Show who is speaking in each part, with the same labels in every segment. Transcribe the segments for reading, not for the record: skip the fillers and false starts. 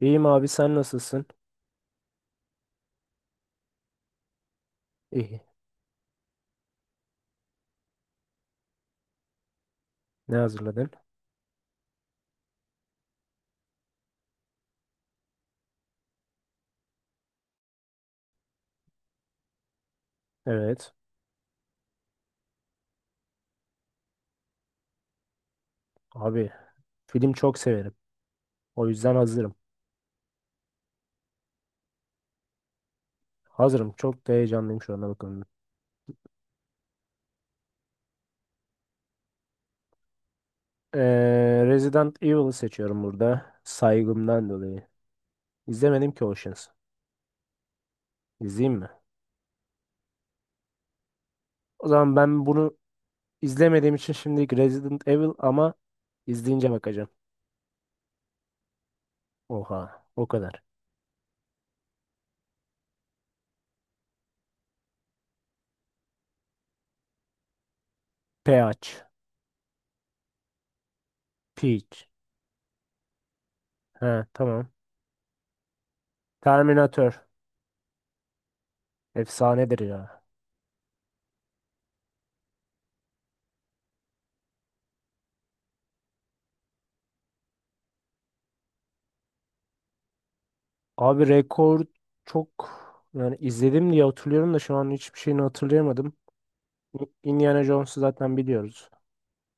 Speaker 1: İyiyim abi, sen nasılsın? İyi. Ne hazırladın? Evet. Abi, film çok severim. O yüzden hazırım. Hazırım. Çok da heyecanlıyım şu anda, bakın. Resident Evil'ı seçiyorum burada. Saygımdan dolayı. İzlemedim ki Oceans. İzleyeyim mi? O zaman ben bunu izlemediğim için şimdilik Resident Evil, ama izleyince bakacağım. Oha. O kadar. Peach. Peach. Ha, tamam. Terminator. Efsanedir ya. Abi, rekor çok, yani izledim diye hatırlıyorum da şu an hiçbir şeyini hatırlayamadım. Indiana Jones'u zaten biliyoruz.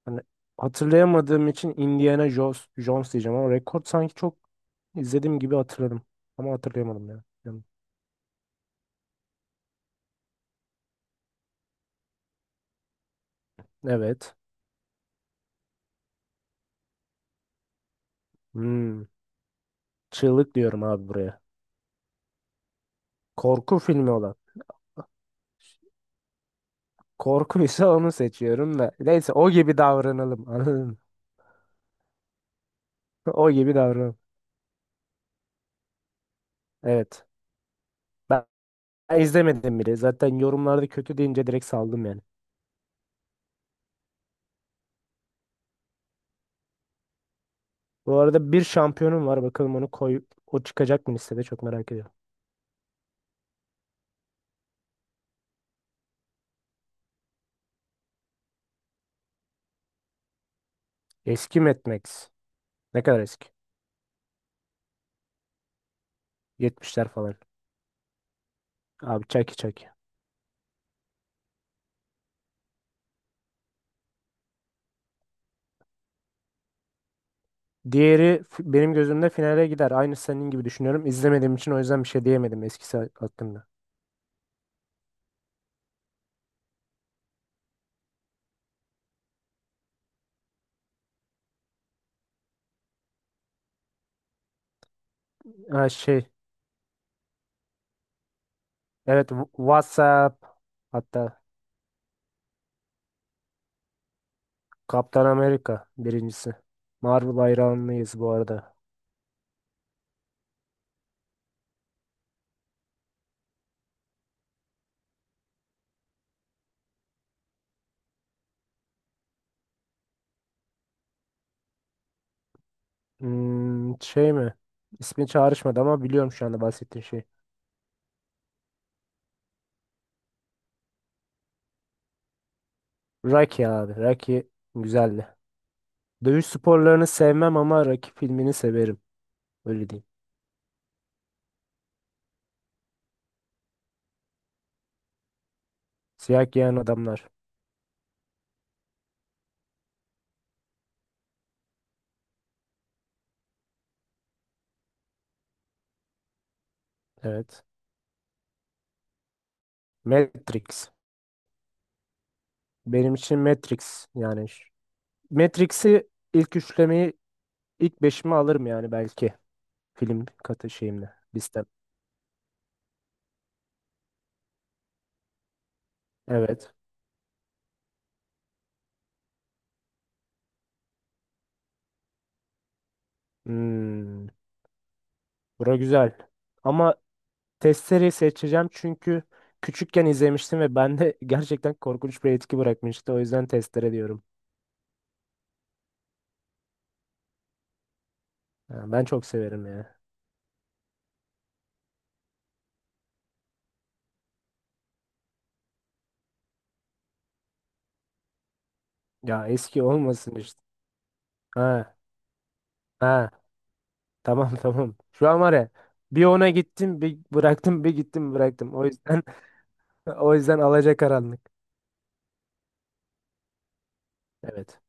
Speaker 1: Hani, hatırlayamadığım için Indiana Jones, Jones diyeceğim, ama rekor sanki çok izlediğim gibi hatırladım. Ama hatırlayamadım ya. Yani, evet. Hmm. Çığlık diyorum abi buraya. Korku filmi olan. Korkuysa onu seçiyorum da. Neyse, o gibi davranalım. Anladın mı? O gibi davranalım. Evet. Ben ben izlemedim bile. Zaten yorumlarda kötü deyince direkt saldım yani. Bu arada bir şampiyonum var. Bakalım onu koy. O çıkacak mı listede? Çok merak ediyorum. Eski Mad Max. Ne kadar eski? Yetmişler falan. Abi, çaki çaki. Benim gözümde finale gider. Aynı senin gibi düşünüyorum. İzlemediğim için o yüzden bir şey diyemedim eskisi hakkında. Ha, şey. Evet, WhatsApp. Hatta Kaptan Amerika birincisi. Marvel hayranlıyız bu arada. Hmm, şey mi? İsmi çağrışmadı ama biliyorum şu anda bahsettiğin şey. Rocky abi. Rocky güzeldi. Dövüş sporlarını sevmem ama Rocky filmini severim. Öyle diyeyim. Siyah giyen adamlar. Evet. Matrix. Benim için Matrix yani. Matrix'i ilk üçlemeyi ilk beşimi alırım yani belki. Film katı şeyimle. Listem. Evet. Hmm, bura güzel. Ama Testere'yi seçeceğim çünkü küçükken izlemiştim ve bende gerçekten korkunç bir etki bırakmıştı. O yüzden Testere diyorum. Ha, ben çok severim ya. Ya eski olmasın işte. Ha, ha. Tamam tamam. Şu an var ya, bir ona gittim bir bıraktım bir gittim bıraktım. O yüzden o yüzden alacakaranlık. Evet.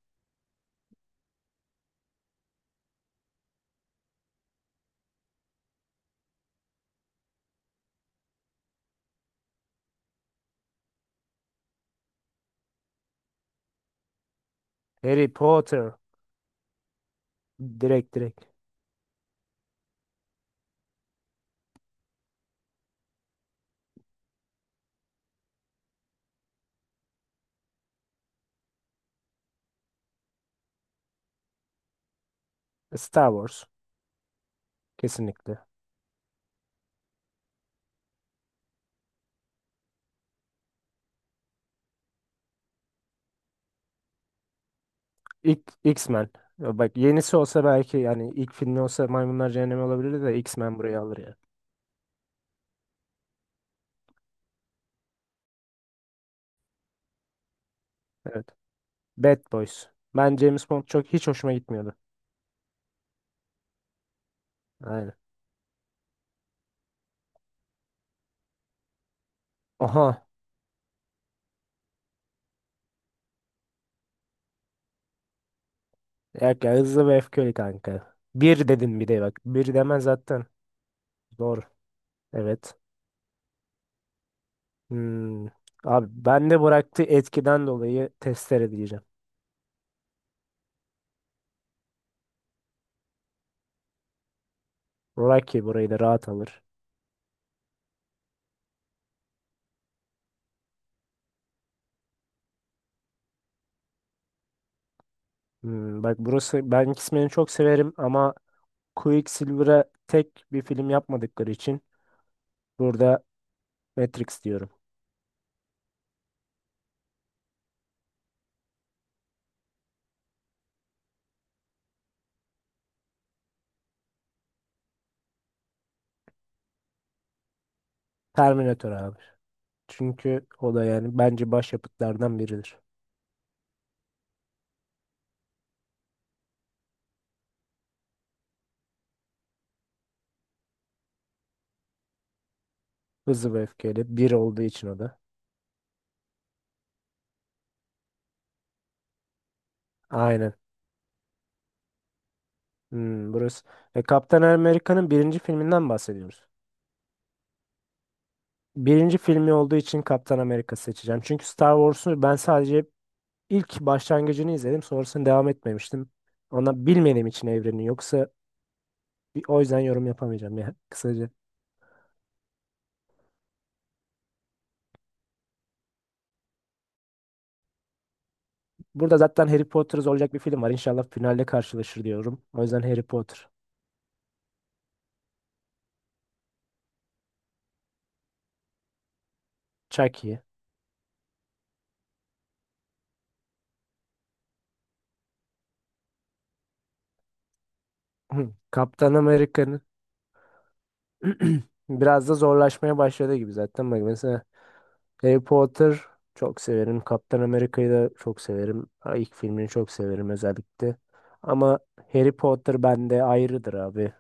Speaker 1: Harry Potter. Direkt direkt. Star Wars. Kesinlikle. İlk X-Men. Ya bak, yenisi olsa belki, yani ilk filmi olsa Maymunlar Cehennemi olabilirdi de X-Men burayı alır ya. Evet. Bad Boys. Ben James Bond çok hiç hoşuma gitmiyordu. Aynen. Oha. Yok ya, hızlı ve öfkeli kanka. Bir dedin bir de bak. Bir demen zaten. Doğru. Evet. Hmm. Abi, ben de bıraktığı etkiden dolayı testere diyeceğim. Rocky burayı da rahat alır. Hmm, bak burası, ben X-Men'i çok severim ama Quicksilver'a tek bir film yapmadıkları için burada Matrix diyorum. Terminator abi. Çünkü o da yani bence başyapıtlardan biridir. Hızlı ve öfkeyle bir olduğu için o da. Aynen. Hmm, burası. E, Kaptan Amerika'nın birinci filminden bahsediyoruz. Birinci filmi olduğu için Kaptan Amerika seçeceğim. Çünkü Star Wars'u ben sadece ilk başlangıcını izledim. Sonrasını devam etmemiştim. Ona bilmediğim için evreni. Yoksa o yüzden yorum yapamayacağım ya kısaca. Burada zaten Harry Potter olacak bir film var. İnşallah finalde karşılaşır diyorum. O yüzden Harry Potter. Chucky. Kaptan Amerika'nın biraz da zorlaşmaya başladı gibi zaten. Bak mesela, Harry Potter çok severim. Kaptan Amerika'yı da çok severim. Ha, İlk filmini çok severim özellikle. Ama Harry Potter bende ayrıdır abi.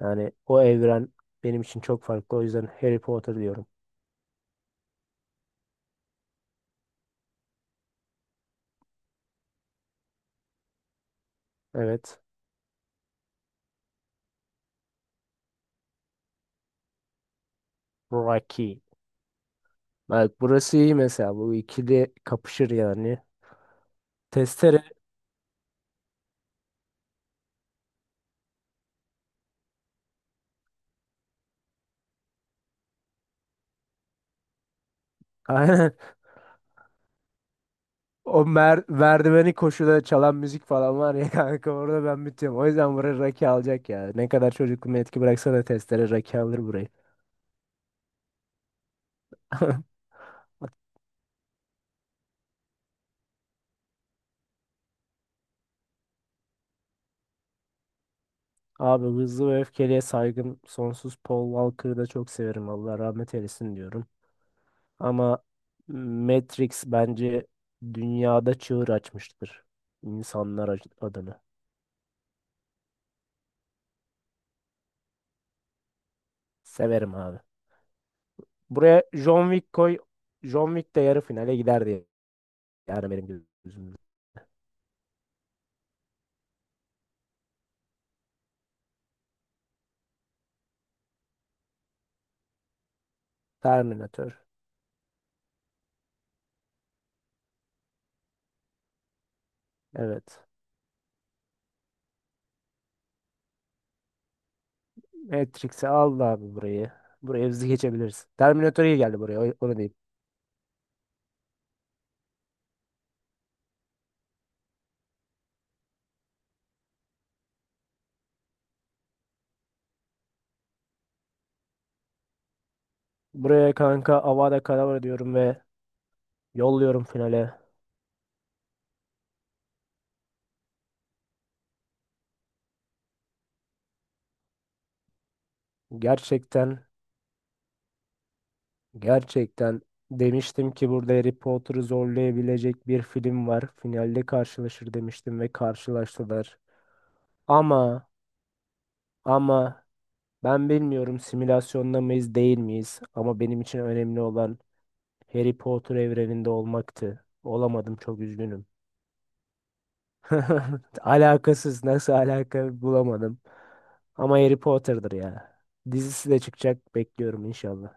Speaker 1: Yani o evren benim için çok farklı. O yüzden Harry Potter diyorum. Evet. Rocky. Bak, burası iyi mesela. Bu ikili kapışır yani. Testere. Aynen. O merdiveni koşuda çalan müzik falan var ya kanka orada ben bitiyorum. O yüzden buraya Rocky alacak ya. Ne kadar çocukluğuma etki bıraksa da testere Rocky alır burayı. Abi, hızlı ve öfkeliye saygım sonsuz. Paul Walker'ı da çok severim. Allah rahmet eylesin diyorum. Ama Matrix bence dünyada çığır açmıştır. İnsanlar adına. Severim abi. Buraya John Wick koy. John Wick de yarı finale gider diye. Yani benim gözümde. Terminator. Evet. Matrix'i al da abi burayı. Buraya hızlı geçebiliriz. Terminator iyi geldi buraya. Onu diyeyim. Buraya kanka Avada Kedavra diyorum ve yolluyorum finale. Gerçekten Gerçekten demiştim ki burada Harry Potter'ı zorlayabilecek bir film var. Finalde karşılaşır demiştim ve karşılaştılar. Ama ama ben bilmiyorum simülasyonda mıyız değil miyiz, ama benim için önemli olan Harry Potter evreninde olmaktı. Olamadım, çok üzgünüm. Alakasız, nasıl alaka bulamadım. Ama Harry Potter'dır ya. Dizisi de çıkacak, bekliyorum inşallah.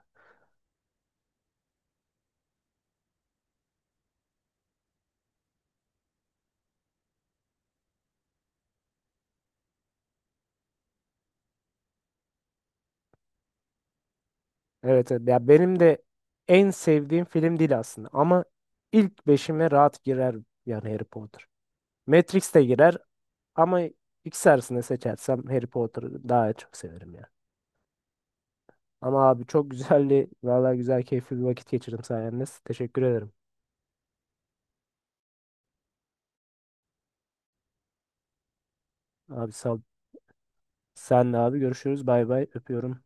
Speaker 1: Evet, evet. Ya benim de en sevdiğim film değil aslında, ama ilk beşime rahat girer yani Harry Potter. Matrix de girer ama ikisi arasında seçersem Harry Potter'ı daha çok severim ya. Ama abi, çok güzeldi. Vallahi güzel keyifli bir vakit geçirdim sayenizde. Teşekkür ederim. Abi sağ ol. Senle abi görüşürüz. Bay bay. Öpüyorum.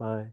Speaker 1: Bay.